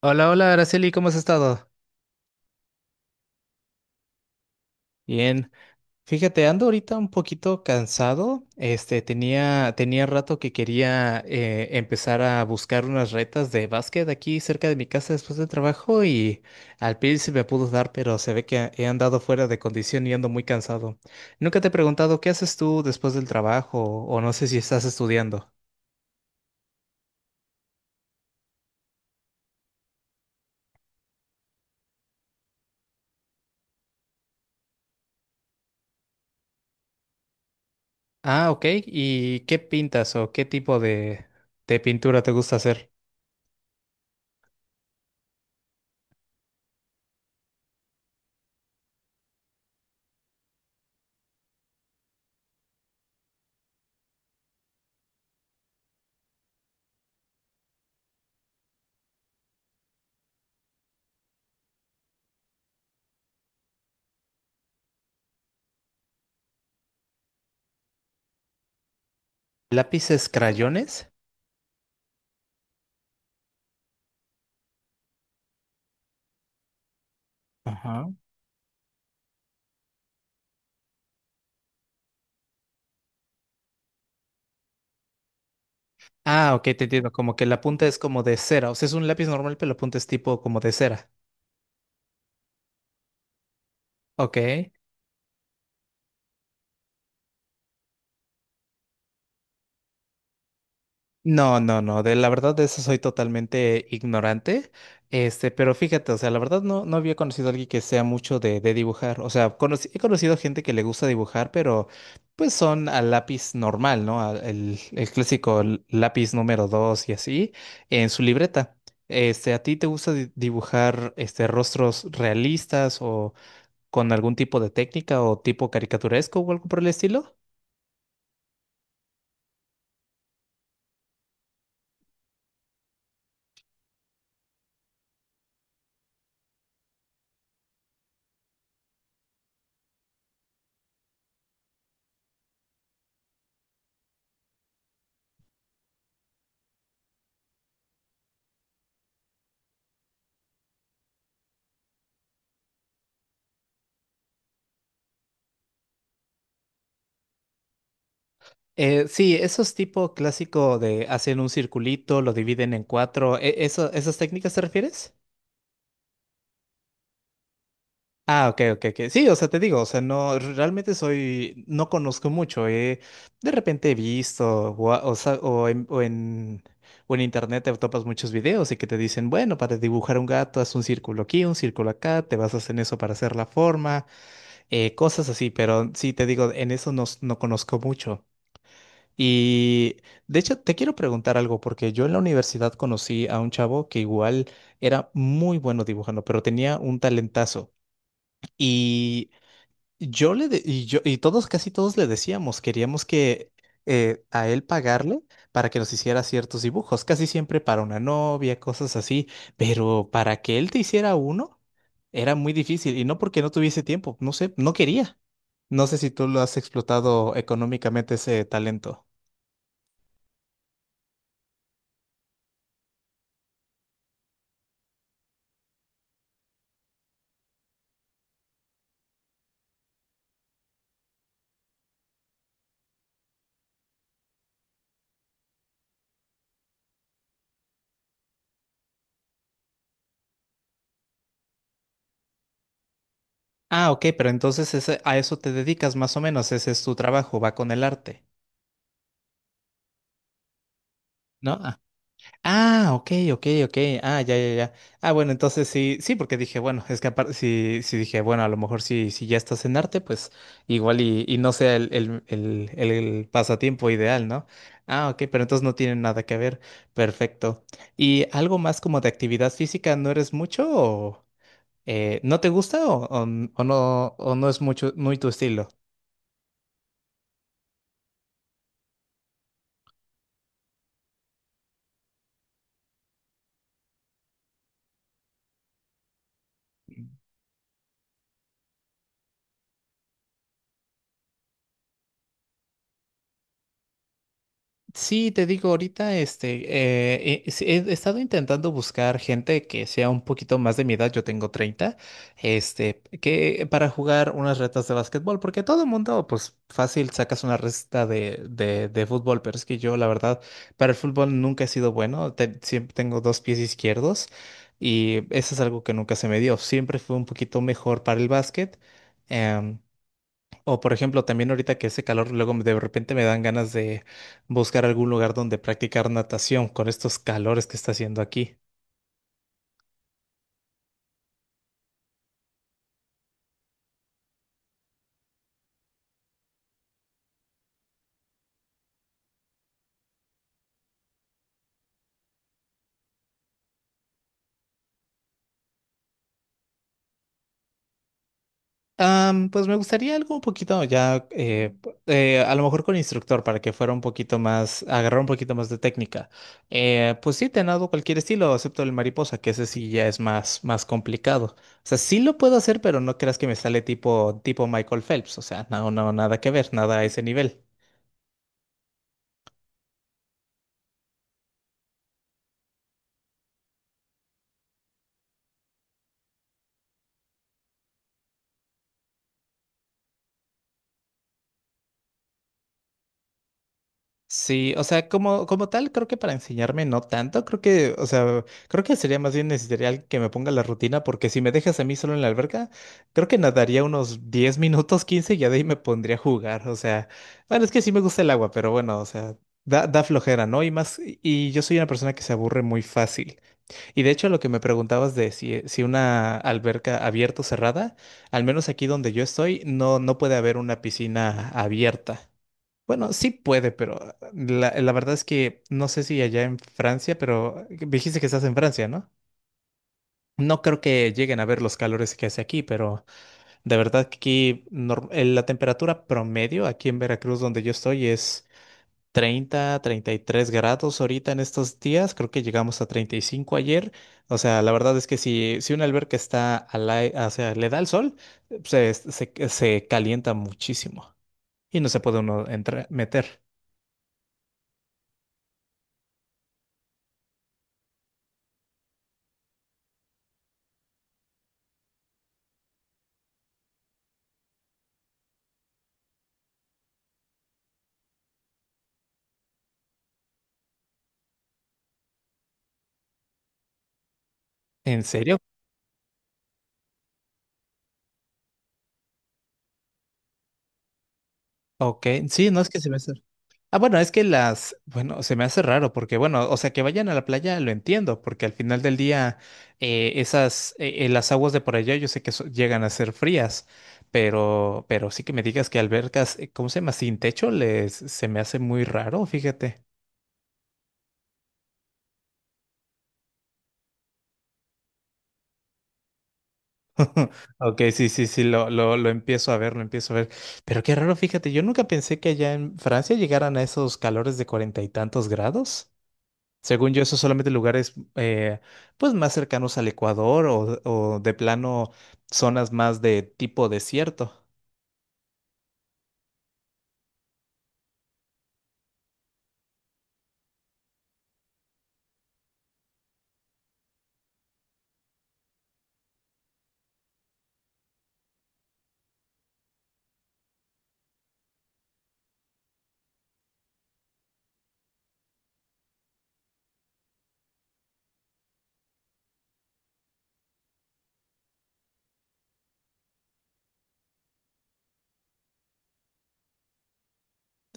Hola, hola, Araceli, ¿cómo has estado? Bien. Fíjate, ando ahorita un poquito cansado. Tenía rato que quería empezar a buscar unas retas de básquet aquí cerca de mi casa después del trabajo y al fin se me pudo dar, pero se ve que he andado fuera de condición y ando muy cansado. Nunca te he preguntado qué haces tú después del trabajo o no sé si estás estudiando. Ah, ok. ¿Y qué pintas o qué tipo de pintura te gusta hacer? ¿Lápices, crayones? Ajá. Ah, ok, te entiendo. Como que la punta es como de cera. O sea, es un lápiz normal, pero la punta es tipo como de cera. Ok. No, no, no. De la verdad de eso soy totalmente ignorante. Este, pero fíjate, o sea, la verdad no, no había conocido a alguien que sea mucho de dibujar. O sea, he conocido gente que le gusta dibujar, pero pues son al lápiz normal, ¿no? El clásico lápiz número dos y así, en su libreta. Este, ¿a ti te gusta dibujar este rostros realistas con algún tipo de técnica o tipo caricaturesco o algo por el estilo? Sí, esos tipo clásico de hacen un circulito, lo dividen en cuatro, ¿esas técnicas te refieres? Ah, ok, ok, ok. Sí, o sea, te digo, o sea, no, realmente soy, no conozco mucho. De repente he visto, o, a- o sa- o en, o en, o en internet te topas muchos videos y que te dicen, bueno, para dibujar un gato, haz un círculo aquí, un círculo acá, te basas en eso para hacer la forma. Cosas así, pero sí te digo, en eso, no, conozco mucho. Y de hecho, te quiero preguntar algo, porque yo en la universidad conocí a un chavo que igual era muy bueno dibujando, pero tenía un talentazo. Yo y todos casi todos le decíamos, queríamos que a él pagarle para que nos hiciera ciertos dibujos, casi siempre para una novia, cosas así, pero para que él te hiciera uno era muy difícil y no porque no tuviese tiempo, no sé, no quería. No sé si tú lo has explotado económicamente ese talento. Ah, ok, pero entonces a eso te dedicas más o menos, ese es tu trabajo, va con el arte, ¿no? Ah, ok, ok, ok. Ah, ya, ya, ya. Ah, bueno, entonces sí, sí, porque dije, bueno, es que aparte, sí, sí dije, bueno, a lo mejor si, si ya estás en arte, pues igual y no sea el pasatiempo ideal, ¿no? Ah, ok, pero entonces no tiene nada que ver. Perfecto. ¿Y algo más como de actividad física, no eres mucho o no te gusta o no es mucho, muy tu estilo? Sí, te digo, ahorita he estado intentando buscar gente que sea un poquito más de mi edad, yo tengo 30, este, que para jugar unas retas de básquetbol, porque todo el mundo, pues fácil sacas una reta de fútbol, pero es que yo, la verdad, para el fútbol nunca he sido bueno, siempre tengo dos pies izquierdos y eso es algo que nunca se me dio, siempre fui un poquito mejor para el básquet. em, o por ejemplo, también ahorita que ese calor, de repente me dan ganas de buscar algún lugar donde practicar natación con estos calores que está haciendo aquí. Pues me gustaría algo un poquito ya, a lo mejor con instructor para que fuera un poquito más, agarrar un poquito más de técnica. Pues sí, te nado cualquier estilo, excepto el mariposa, que ese sí ya es más, más complicado. O sea, sí lo puedo hacer, pero no creas que me sale tipo, tipo Michael Phelps. O sea, no, no, nada que ver, nada a ese nivel. Sí, o sea, como, como tal, creo que para enseñarme no tanto, creo que, o sea, creo que sería más bien necesario alguien que me ponga la rutina, porque si me dejas a mí solo en la alberca, creo que nadaría unos 10 minutos, 15 y ya de ahí me pondría a jugar, o sea, bueno, es que sí me gusta el agua, pero bueno, o sea, da, da flojera, ¿no? Y más, y yo soy una persona que se aburre muy fácil. Y de hecho, lo que me preguntabas de si, si una alberca abierta o cerrada, al menos aquí donde yo estoy, no, no puede haber una piscina abierta. Bueno, sí puede, pero la verdad es que no sé si allá en Francia, pero dijiste que estás en Francia, ¿no? No creo que lleguen a ver los calores que hace aquí, pero de verdad que aquí la temperatura promedio aquí en Veracruz, donde yo estoy, es treinta, 33 grados ahorita en estos días. Creo que llegamos a 35 ayer. O sea, la verdad es que si, si una alberca está o sea, le da el sol, se calienta muchísimo y no se puede uno entrar, meter. ¿En serio? Ok, sí, no es que se me hace. Ah, bueno, es que las, bueno, se me hace raro porque, bueno, o sea, que vayan a la playa lo entiendo, porque al final del día esas, las aguas de por allá yo sé que llegan a ser frías, pero sí que me digas que albercas, ¿cómo se llama? Sin techo, les, se me hace muy raro, fíjate. Ok, sí, sí, sí, lo empiezo a ver, lo empiezo a ver. Pero qué raro, fíjate, yo nunca pensé que allá en Francia llegaran a esos calores de cuarenta y tantos grados. Según yo, eso solamente lugares pues más cercanos al Ecuador o de plano zonas más de tipo desierto.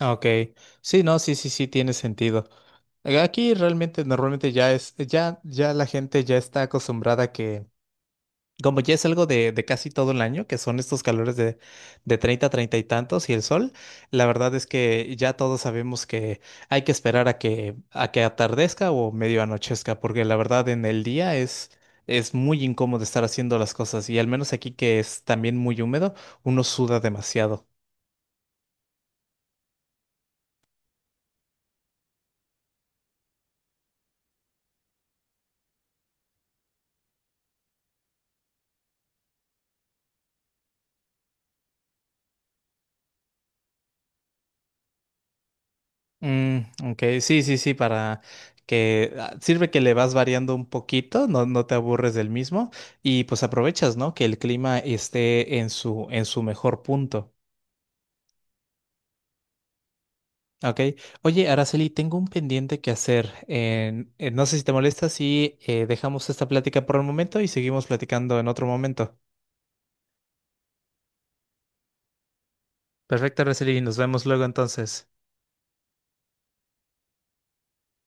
Ah, ok, sí, no, sí, sí, sí, tiene sentido. Aquí realmente normalmente ya es, ya, ya la gente ya está acostumbrada a que como ya es algo de casi todo el año, que son estos calores de 30 30 y tantos y el sol, la verdad es que ya todos sabemos que hay que esperar a que atardezca o medio anochezca, porque la verdad en el día es muy incómodo estar haciendo las cosas y al menos aquí que es también muy húmedo, uno suda demasiado. Mm, ok, sí, sí, sí, para que ah, sirve que le vas variando un poquito, no, no te aburres del mismo y pues aprovechas, ¿no? Que el clima esté en su mejor punto, ¿ok? Oye, Araceli, tengo un pendiente que hacer. No sé si te molesta si dejamos esta plática por el momento y seguimos platicando en otro momento. Perfecto, Araceli, nos vemos luego entonces.